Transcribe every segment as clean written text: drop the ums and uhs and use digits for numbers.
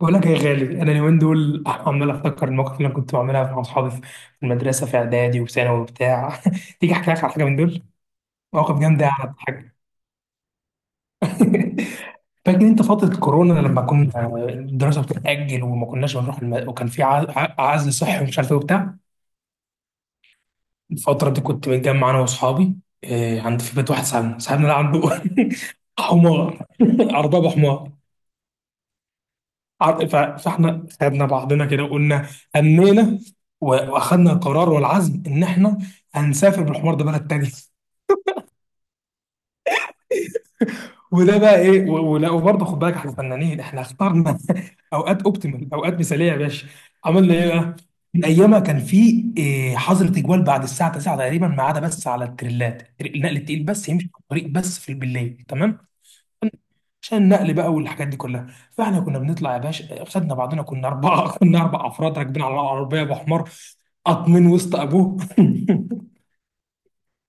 بقول لك يا غالي، انا اليومين دول عمال افتكر المواقف اللي انا كنت بعملها مع اصحابي في المدرسه في اعدادي وثانوي وبتاع. تيجي احكي لك على حاجه من دول، مواقف جامده على حاجه. فاكر انت فتره كورونا لما كنا الدراسه بتتاجل وما كناش بنروح وكان في عزل صحي ومش عارف ايه وبتاع. الفتره دي كنت متجمع انا واصحابي. عند في بيت واحد صاحبنا، ده عنده حمار ارباب حمار. عر- ف- فاحنا خدنا بعضنا كده وقلنا أمينا واخدنا القرار والعزم ان احنا هنسافر بالحوار ده بلد تاني. وده بقى ايه ولا، وبرضه خد بالك احنا فنانين، احنا اخترنا اوقات اوبتيمال، اوقات مثاليه يا باشا. عملنا ايه بقى؟ من ايامها كان في إيه حظر تجوال بعد الساعه 9 تقريبا، ما عدا بس على التريلات النقل التقيل بس يمشي في الطريق بس في بالليل، تمام. عشان النقل بقى والحاجات دي كلها، فاحنا كنا بنطلع يا باشا، خدنا بعضنا كنا اربعه. كنا اربع افراد راكبين على العربيه ابو حمار، قاطمين وسط ابوه.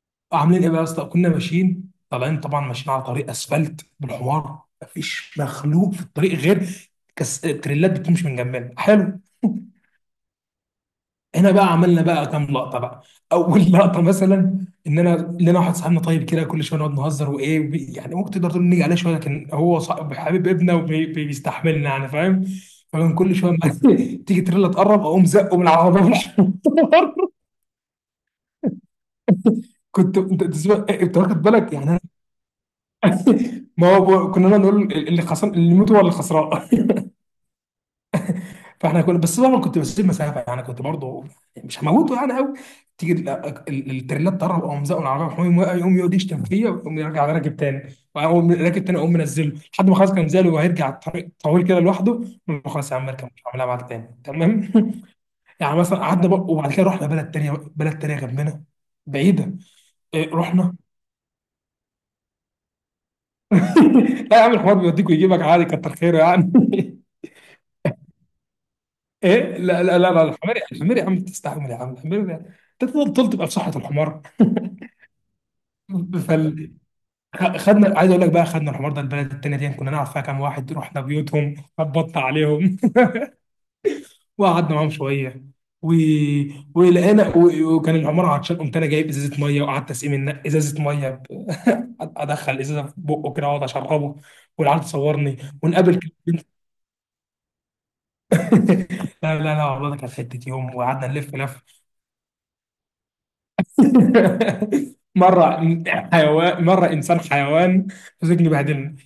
عاملين ايه بقى يا اسطى؟ كنا ماشيين طالعين طبعا ماشيين على طريق اسفلت بالحمار، مفيش مخلوق في الطريق غير تريلات بتمشي من جنبنا، حلو. هنا بقى عملنا بقى كام لقطه بقى. اول لقطه مثلا ان انا، لنا واحد صاحبنا طيب كده كل شويه نقعد نهزر وايه يعني ممكن تقدر تقول نيجي عليه شويه، لكن هو صاحب حبيب ابنه وبيستحملنا يعني، فاهم. فمن كل شويه ما تيجي تريلا تقرب اقوم زقه من العربيه في الحوار. كنت انت إيه، أنت واخد بالك يعني انا. ما هو كنا نقعد نقول اللي خسران اللي يموت هو اللي خسران. فاحنا كنا بس طبعا كنت بسيب مسافه يعني، كنت برضه مش هموته يعني قوي. تيجي التريلات تقرب او مزقه العربيه، يقوم واقع، يقوم يقعد يشتم فيا ويقوم يرجع راكب تاني. واقوم راكب تاني، اقوم منزله لحد ما خلاص كان منزله وهيرجع الطريق طويل كده لوحده، أقول له خلاص يا عم اركب مش هعملها معاك تاني، تمام. يعني مثلا قعدنا بقى وبعد كده رحنا بلد تانيه. بلد تانيه جنبنا، بعيده. إيه، رحنا. لا يا عم، الحوار بيوديك ويجيبك عادي، كتر خيره يعني. ايه، لا لا لا لا، الحمار، الحمار يا عم تستحمل يا عم، الحمار ده، انت تفضل تبقى في صحه الحمار. فال. خدنا، عايز اقول لك بقى، خدنا الحوار ده البلد التانية دي كنا نعرف فيها كام واحد، رحنا بيوتهم خبطنا عليهم. وقعدنا معاهم شويه و... ولقينا وكان العمارة عطشان، قمت انا جايب ازازه ميه وقعدت اسقي من ازازه ميه ادخل ازازه في بقه كده واقعد اشربه، والعيال تصورني ونقابل. لا لا لا، والله ده كانت حته يوم وقعدنا نلف لف. مره حيوان، مره انسان حيوان، مسكني بهدلني.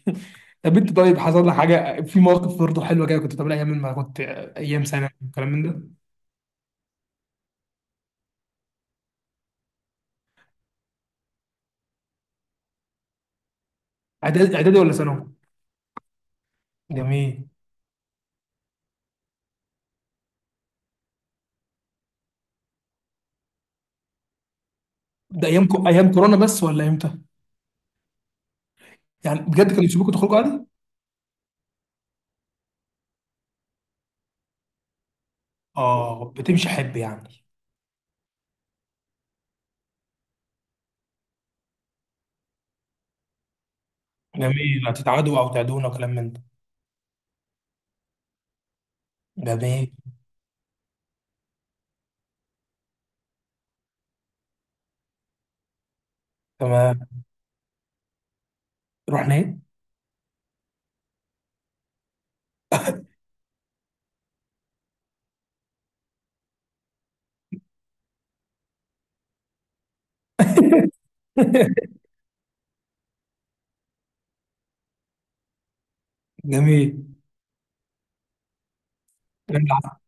طب انت طيب حصل لك حاجه في مواقف برضه حلوه كده كنت بتعملها ايام ما كنت ايام سنه الكلام من ده؟ اعدادي اعدادي ولا ثانوي؟ جميل. ده ايام ايام كورونا بس ولا امتى؟ يعني بجد كانوا يسيبوكوا تخرجوا عادي؟ اه بتمشي حب يعني. جميل، هتتعادوا او تعدونا وكلام من ده. جميل، تمام. رحنا ايه؟ جميل.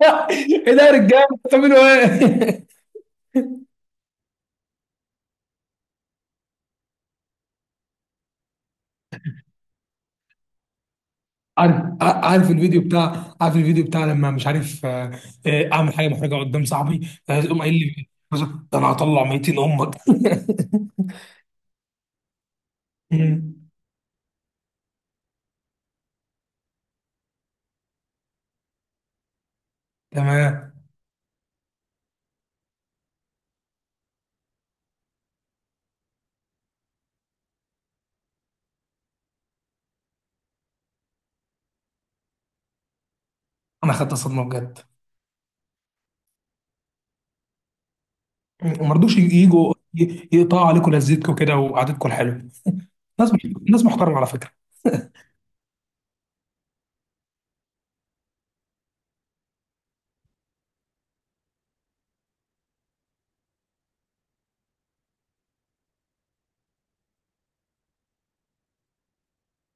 ايه ده يا رجاله بتعملوا ايه؟ عارف، عارف الفيديو بتاع، عارف الفيديو بتاع لما مش عارف اعمل حاجه محرجه قدام صاحبي، فيقوم قايل لي ده انا هطلع 200 امك. مم. تمام. انا خدت صدمه بجد. مم. وما رضوش يجوا يقطعوا عليكم لذتكم كده وقعدتكم الحلوه. ناس ناس محترمه على فكره،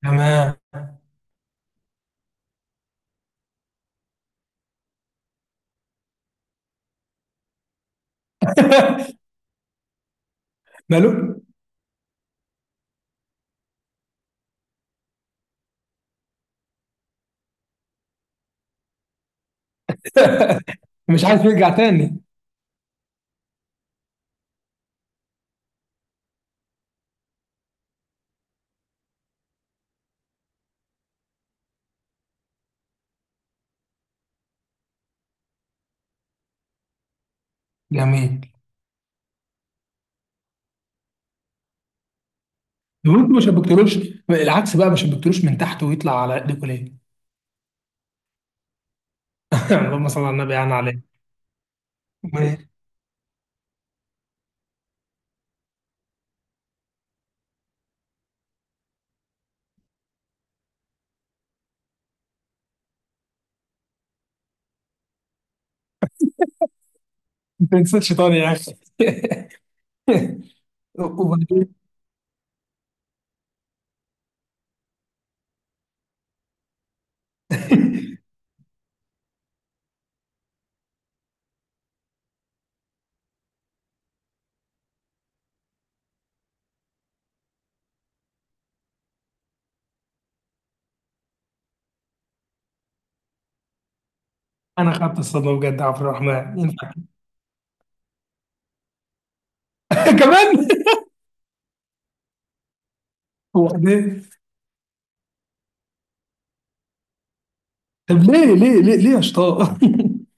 تمام. ماله. مش عايز يرجع تاني. جميل. لو انتوا ما شبكتلوش، العكس بقى ما شبكتلوش من تحت ويطلع على ايديكم ليه؟ اللهم صل على النبي يعني عليه. ما تنساش شيطان يا اخي. وبعدين. انا خدت الصدمه بجد، عبد الرحمن ينفع؟ كمان. وبعدين. طب ليه ليه ليه ليه يا شطار؟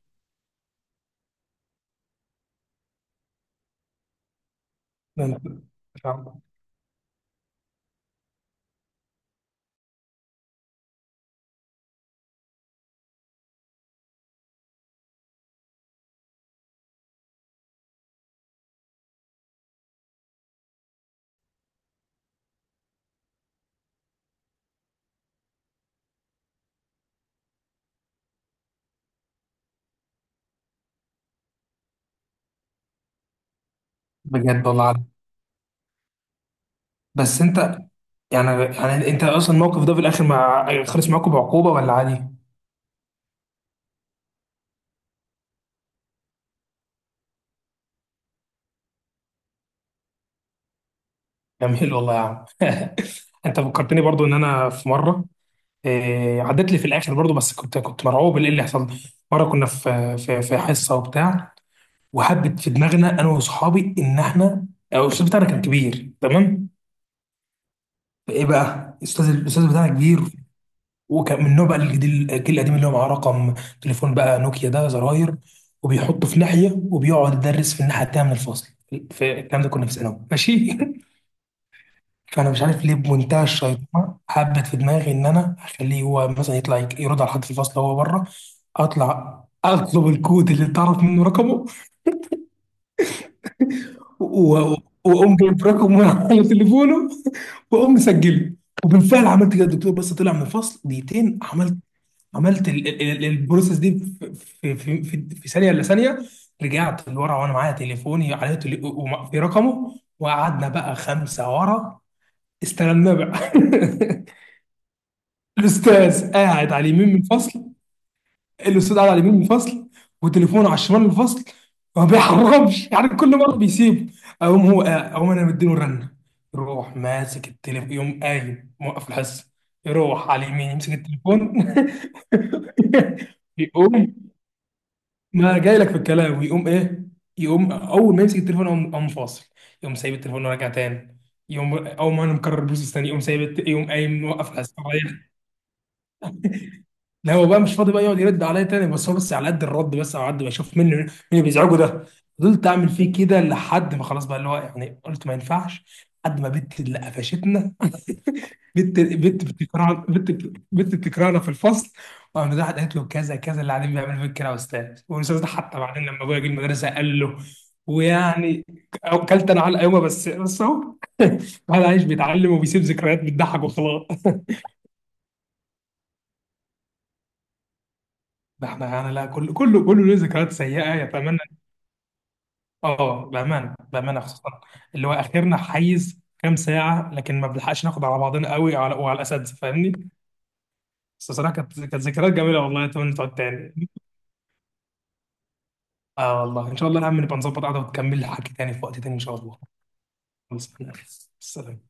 ده أنت، مش عارف. بجد والله العظيم. بس انت، يعني يعني انت اصلا الموقف ده في الاخر مع، خلص معاكم بعقوبه ولا عادي؟ جميل والله يا عم. انت فكرتني برضو ان انا في مره، إيه، عدت لي في الاخر برضو بس كنت كنت مرعوب من ايه اللي حصل. مره كنا في حصه وبتاع، وحبت في دماغنا انا واصحابي ان احنا، او الاستاذ بتاعنا كان كبير تمام. ايه بقى الاستاذ، الاستاذ بتاعنا كبير، وكان من النوع بقى الجديد الجيل القديم اللي هو معاه رقم تليفون بقى نوكيا ده زراير، وبيحطه في ناحيه وبيقعد يدرس في الناحيه التانيه من الفصل. في الكلام ده كنا في ثانوي، ماشي. فانا مش عارف ليه بمنتهى الشيطنه حبت في دماغي ان انا اخليه هو مثلا يطلع يرد على حد في الفصل وهو بره. اطلع اطلب الكود اللي تعرف منه رقمه و- و- واقوم جايب رقمه من على تليفونه واقوم مسجله. وبالفعل عملت كده، الدكتور بس طلع من الفصل دقيقتين عملت، عملت البروسيس دي في ثانيه الا ثانيه. رجعت لورا وانا معايا تليفوني عليه في رقمه، وقعدنا بقى خمسه ورا استلمناه بقى. الاستاذ قاعد على اليمين من الفصل. الاستاذ قاعد على اليمين من الفصل وتليفونه على الشمال من الفصل، ما بيحرمش يعني كل مره بيسيب. اقوم هو، اقوم انا مديله رنه، يروح ماسك التليفون، يقوم قايم موقف الحصه، يروح على اليمين يمسك التليفون. يقوم، ما جاي لك في الكلام، ويقوم ايه؟ يقوم اول ما يمسك التليفون يقوم قام فاصل، يقوم سايب التليفون وراجع تاني، يقوم اول ما انا مكرر البروسيس تاني يقوم سايب يقوم قايم موقف على السرير. لا هو بقى مش فاضي بقى يقعد يرد عليا تاني، بس هو بس على قد الرد، بس على قد ما اشوف منه مين اللي بيزعجه ده. فضلت اعمل فيه كده لحد ما خلاص بقى اللي هو يعني قلت ما ينفعش، لحد ما بنت اللي قفشتنا. بنت، بتكرهنا، بنت، بتكرهنا في الفصل، وقام ده قالت له كذا كذا اللي قاعدين بيعملوا فيك كده يا استاذ. والاستاذ ده حتى بعدين لما ابويا جه المدرسه قال له، ويعني اكلت انا على يومه، بس بس اهو. الواحد عايش بيتعلم وبيسيب ذكريات بتضحك وخلاص. ده احنا يعني لا، كل كله له ذكريات سيئه يتمنى. اه بامانه، بامانه خصوصا اللي هو اخرنا حيز كام ساعه، لكن ما بنلحقش ناخد على بعضنا قوي، وعلى، وعلى الاساتذه فاهمني. بس الصراحه كانت، كانت ذكريات جميله والله، اتمنى تقعد تاني. اه والله ان شاء الله يا عم نبقى نظبط قعده وتكمل لي حكي تاني في وقت تاني ان شاء الله. خلص، السلام.